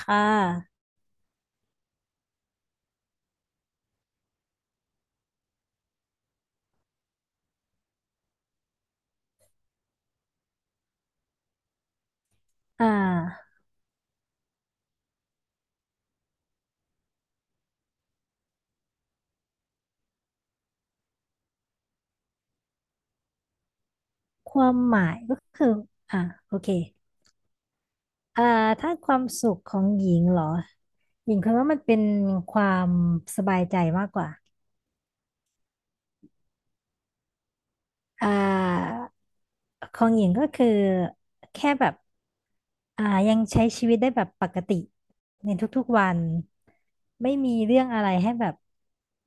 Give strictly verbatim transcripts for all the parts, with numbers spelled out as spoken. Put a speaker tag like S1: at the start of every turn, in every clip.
S1: ค่ะอ่าความหมายก็คืออ่าโอเค อ่าถ้าความสุขของหญิงเหรอหญิงคิดว่ามันเป็นความสบายใจมากกว่าอ่าของหญิงก็คือแค่แบบอ่ายังใช้ชีวิตได้แบบปกติในทุกๆวัน ไม่มีเรื่องอะไรให้แบบ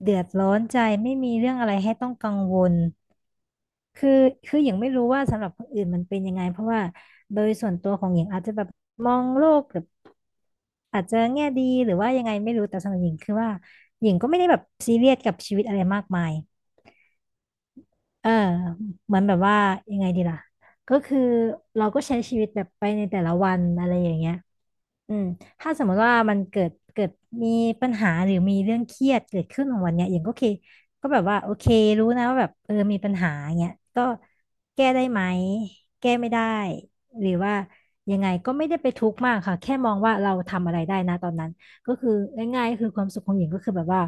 S1: เดือดร้อนใจ ไม่มีเรื่องอะไรให้ต้องกังวล คือคืออย่างไม่รู้ว่าสำหรับคนอื่นมันเป็นยังไงเพราะว่าโดยส่วนตัวของหญิงอาจจะแบบมองโลกแบบอาจจะแง่ดีหรือว่ายังไงไม่รู้แต่สำหรับหญิงคือว่าหญิงก็ไม่ได้แบบซีเรียสกับชีวิตอะไรมากมาย เออเหมือนแบบว่ายังไงดีล่ะก็คือเราก็ใช้ชีวิตแบบไปในแต่ละวันอะไรอย่างเงี้ยอืมถ้าสมมติว่ามันเกิดเกิดมีปัญหาหรือมีเรื่องเครียดเกิดขึ้นของวันเนี้ยอย่างก็โอเคก็แบบว่าโอเครู้นะว่าแบบเออมีปัญหาเงี้ยก็แก้ได้ไหมแก้ไม่ได้หรือว่ายังไงก็ไม่ได้ไปทุกข์มากค่ะแค่มองว่าเราทำอะไรได้นะตอนนั้นก็คือง่ายๆก็คือความสุขของหญิงก็คือแบบว่า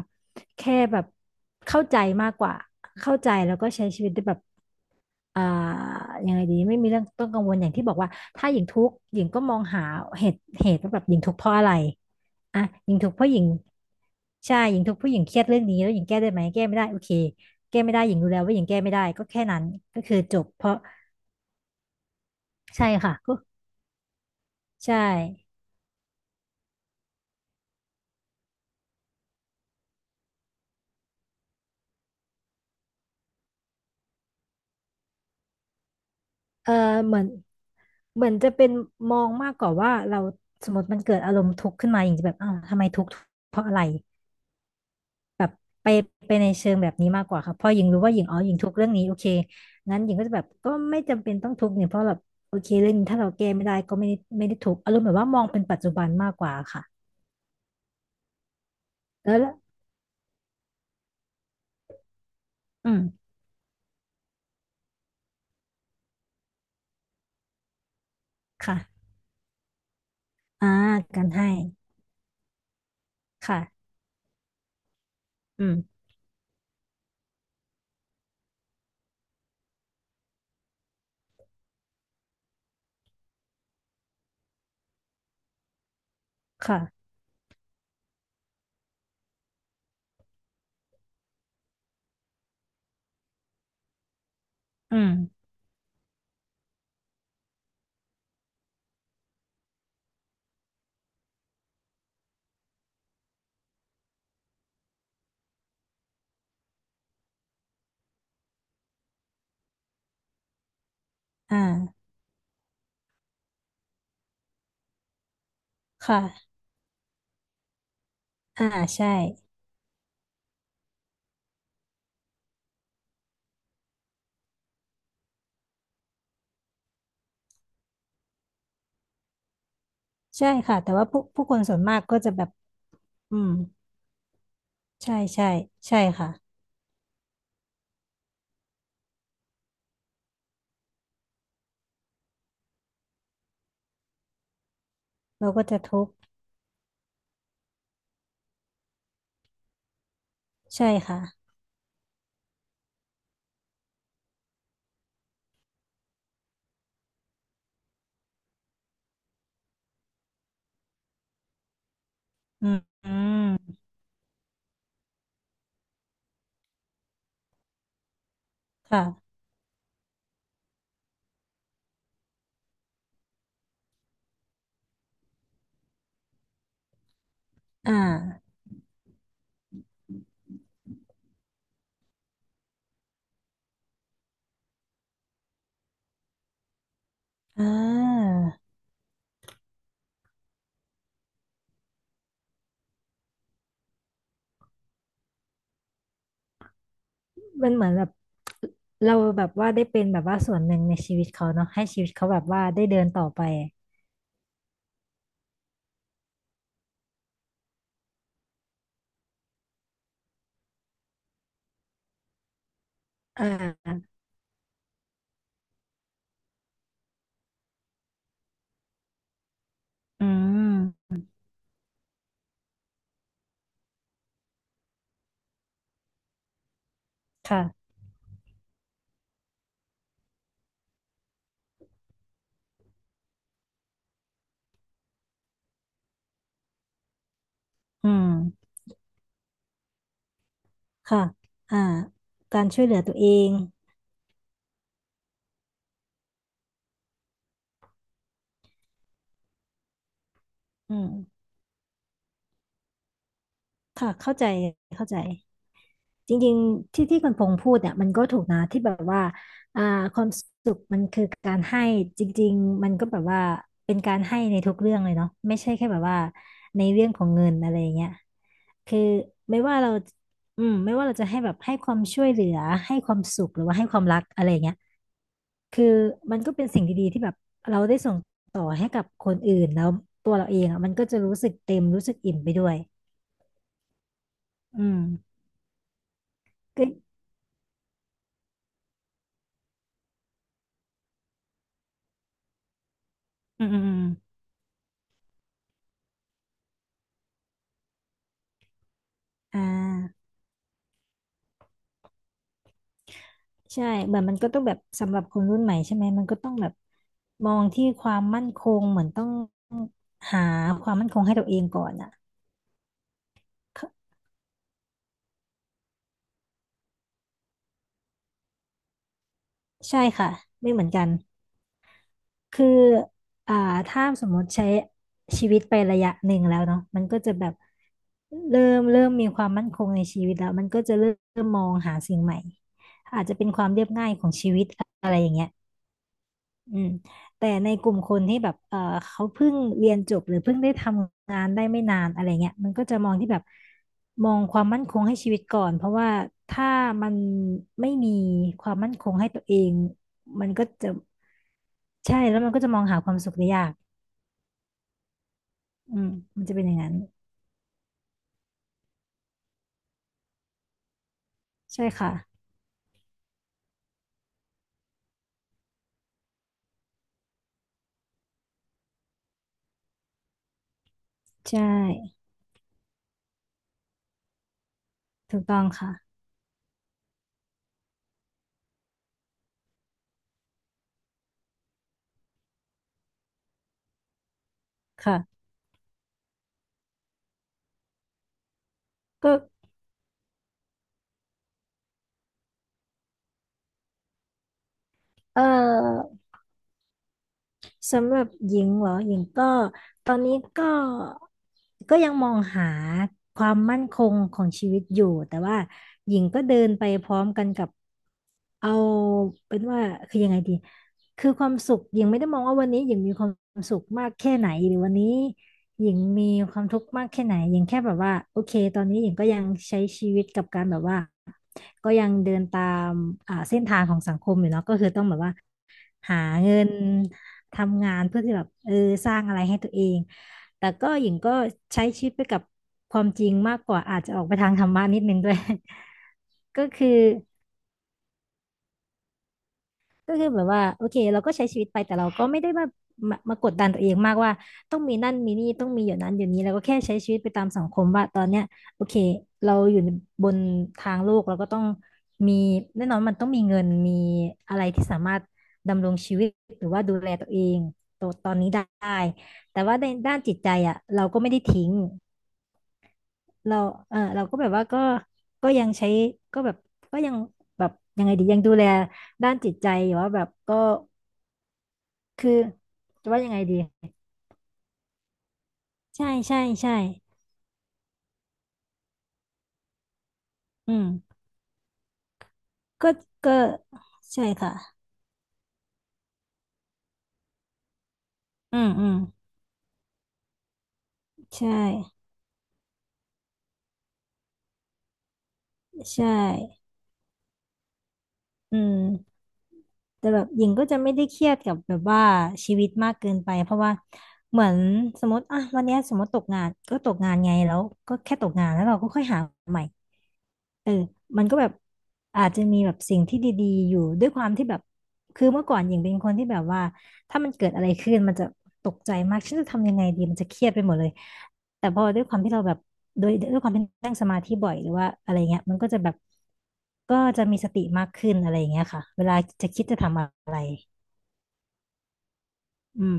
S1: แค่แบบเข้าใจมากกว่าเข้าใจแล้วก็ใช้ชีวิตได้แบบอ่ายังไงดีไม่มีเรื่องต้องกังวลอย่างที่บอกว่าถ้าหญิงทุกข์หญิงก็มองหาเหตุเหตุว่าแบบหญิงทุกข์เพราะอะไรอ่ะหญิงทุกข์เพราะหญิงใช่หญิงทุกข์เพราะหญิงเครียดเรื่องนี้แล้วหญิงแก้ได้ไหมแก้ไม่ได้โอเคแก้ไม่ได้หญิงรู้แล้วว่าหญิงแก้ไม่ได้ก็แค่นั้นก็คือจบเพราะใช่ค่ะก็ใช่เออเหมือนเหมือนจะเป็นมองมากกว่าว่าเราสมมติมันเกิดอารมณ์ทุกข์ขึ้นมาอย่างจะแบบอ้าวทำไมทุกข์เพราะอะไร แบบไปไปในเชิงแบบนี้มากกว่าค่ะพอหญิงรู้ว่าหญิงอ๋อหญิงทุกข์เรื่องนี้โอเคงั้นหญิงก็จะแบบก็ไม่จำเป็นต้องทุกข์เนี่ยเพราะแบบโอเคเรื่องนี้ถ้าเราแก้ไม่ได้ก็ไม่ได้ไม่ได้ทุกข์อารมณ์แบบว่ามองเป็นปัจจุบันมากกว่าค่ะแล้วละอืมค่ะอ่าการให้ค่ะอืมค่ะอืมอ่าค่ะอ่าใช่ใช่ค่ะแต่ว่าผู้ผู้คนส่วนมากก็จะแบบอืมใช่ใช่ใช่ค่ะเราก็จะทุกข์ใช่ค่ะอืมอืมค่ะอ่า อ่ามันเหมือนแบบเราแบบว่าได้เป็นแบบว่าส่วนหนึ่งในชีวิตเขาเนาะให้ชีวิตเขาแบบว่าได้เดินต่อไปอ่าอืมค่ะอืมค่ะอ่าการช่วยเหลือตัวเองอืมค่ะเข้าใจเข้าใจ จริงๆที่ที่คุณพงษ์พูดเนี่ยมันก็ถูกนะที่แบบว่าอ่าความสุขมันคือการให้จริงๆมันก็แบบว่าเป็นการให้ในทุกเรื่องเลยเนาะไม่ใช่แค่แบบว่าในเรื่องของเงินอะไรอย่างเงี้ยคือไม่ว่าเราอืมไม่ว่าเราจะให้แบบให้ความช่วยเหลือให้ความสุขหรือว่าให้ความรักอะไรอย่างเงี้ยคือมันก็เป็นสิ่งดีๆที่แบบเราได้ส่งต่อให้กับคนอื่นแล้วตัวเราเองอ่ะมันก็จะรู้สึกเต็มรู้สึกอิ่มไปด้วยอืมก็อืมอืมอมอ่า ใช่เหมือนมันก็ต้องแบบสำหรับคนรุ่นใหม่ใช่ไหมมันก็ต้องแบบมองที่ความมั่นคงเหมือนต้องหาความมั่นคงให้ตัวเองก่อนอ่ะค่ะใช่ค่ะไม่เหมือนกันคืออ่าถ้าสมมติใช้ชีวิตไประยะหนึ่งแล้วเนาะมันก็จะแบบเริ่มเริ่มมีความมั่นคงในชีวิตแล้วมันก็จะเริ่มมองหาสิ่งใหม่ อืมแต่ในกลุ่มคนที่แบบเออเขาเพิ่งเรียนจบหรือเพิ่งได้ทำงานได้ไม่นานอะไรเงี้ยมันก็จะมองที่แบบ มองความมั่นคงให้ชีวิตก่อน เพราะว่าถ้ามันไม่มีความมั่นคงให้ตัวเอง มันก็จะใช่แล้วมันก็จะมองหาความสุขได้ยากอืมมันจะเป็นอย่างนั้นใช่ค่ะใช่ถูกต้องค่ะ ค่ะก็เออ สำหรับหญิงเหรอหญิงก็ตอนนี้ก็ก็ยังมองหาความมั่นคงของชีวิตอยู่แต่ว่าหญิงก็เดินไปพร้อมกันกับเอาเป็นว่าคือยังไงดีคือความสุขหญิงไม่ได้มองว่าวันนี้หญิงมีความสุขมากแค่ไหนหรือวันนี้หญิงมีความทุกข์มากแค่ไหนหญิงแค่แบบว่าโอเคตอนนี้หญิงก็ยังใช้ชีวิตกับการแบบว่าก็ยังเดินตามอ่าเส้นทางของสังคมอยู่เนาะก็คือต้องแบบว่า หาเงินทำงานเพื่อที่แบบเออสร้างอะไรให้ตัวเองแต่ก็หญิงก็ใช้ชีวิตไปกับความจริงมากกว่าอาจจะออกไปทางธรรมะนิดนึงด้วย ก็คือ ก็คือแบบว่าโอเคเราก็ใช้ชีวิตไปแต่เราก็ไม่ได้มามามากดดันตัวเองมากว่าต้องมีนั่นมีนี่ต้องมีอย่างนั้นอย่างนี้เราก็แค่ใช้ชีวิตไปตามสังคมว่าตอนเนี้ยโอเคเราอยู่บนทางโลกเราก็ต้องมีแน่นอนมันต้องมีเงินมีอะไรที่สามารถดำรงชีวิตหรือว่าดูแลตัวเองตัวตอนนี้ได้แต่ว่าในด้านจิตใจอ่ะเราก็ไม่ได้ทิ้งเราเออเราก็แบบว่าก็ก็ยังใช้ก็แบบก็ยังแบบยังไงดียังดูแลด้านจิตใจหรือยู่ว่าแบบก็ คือจะว่ายังไงดีใช่ใช่ใช่อืมก็ก็ใช่ค่ะอืมอืมใช่ใช่อืม แต่แบบหญิงก็จะไม่ได้เครียดกับแบบว่าชีวิตมากเกินไปเพราะว่าเหมือนสมมติอ่ะวันเนี้ยสมมติตกงานก็ตกงานไงแล้วก็แค่ตกงานแล้วเราก็ค่อยหาใหม่เออมันก็แบบอาจจะมีแบบสิ่งที่ดีๆอยู่ด้วยความที่แบบคือเมื่อก่อนหญิงเป็นคนที่แบบว่าถ้ามันเกิดอะไรขึ้นมันจะตกใจมากฉันจะทำยังไงดีมันจะเครียดไปหมดเลย แต่พอด้วยความที่เราแบบโดยด้วยความที่นั่งสมาธิบ่อยหรือว่าอะไรเงี้ยมันก็จะแบบก็จะมีสติมากขึ้นอะไรเงี้ยค่ะเวลาจะคิดจะทำอะไรอืม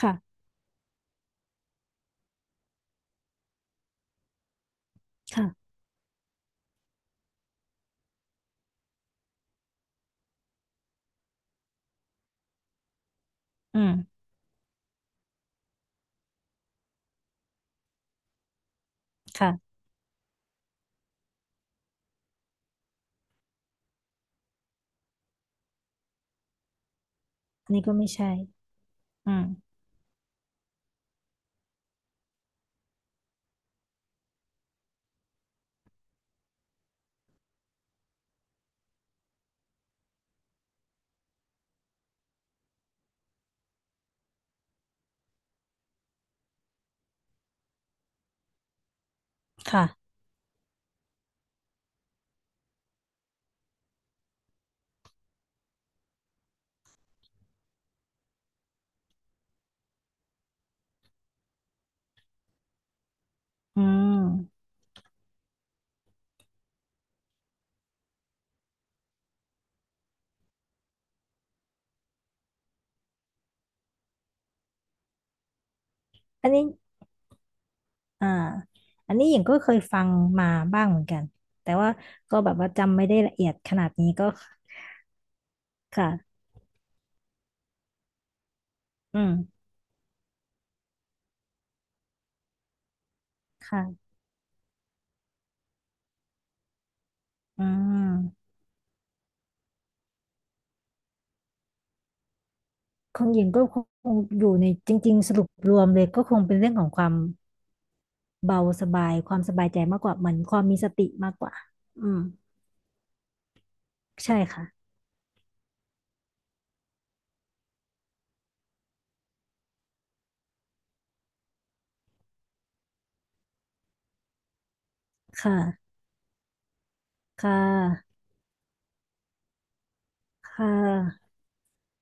S1: ค่ะค่ะอืมค่ะอันนี้ก็ไม่ใช่อืมค่ะอืมอันนี้อ่าอันนี้หญิงก็เคยฟังมาบ้างเหมือนกันแต่ว่าก็แบบว่าจำไม่ได้ละเอียดขนาดนี้ก็ค่ะอืมค่ะอืมของหญิงก็คงอยู่ในจริงๆสรุปรวมเลยก็คงเป็นเรื่องของความ เบาสบายความสบายใจมากกว่าเหมือนความมีสติมากกว่าอืมใช่ค่ะค่ะค่ะค่ะ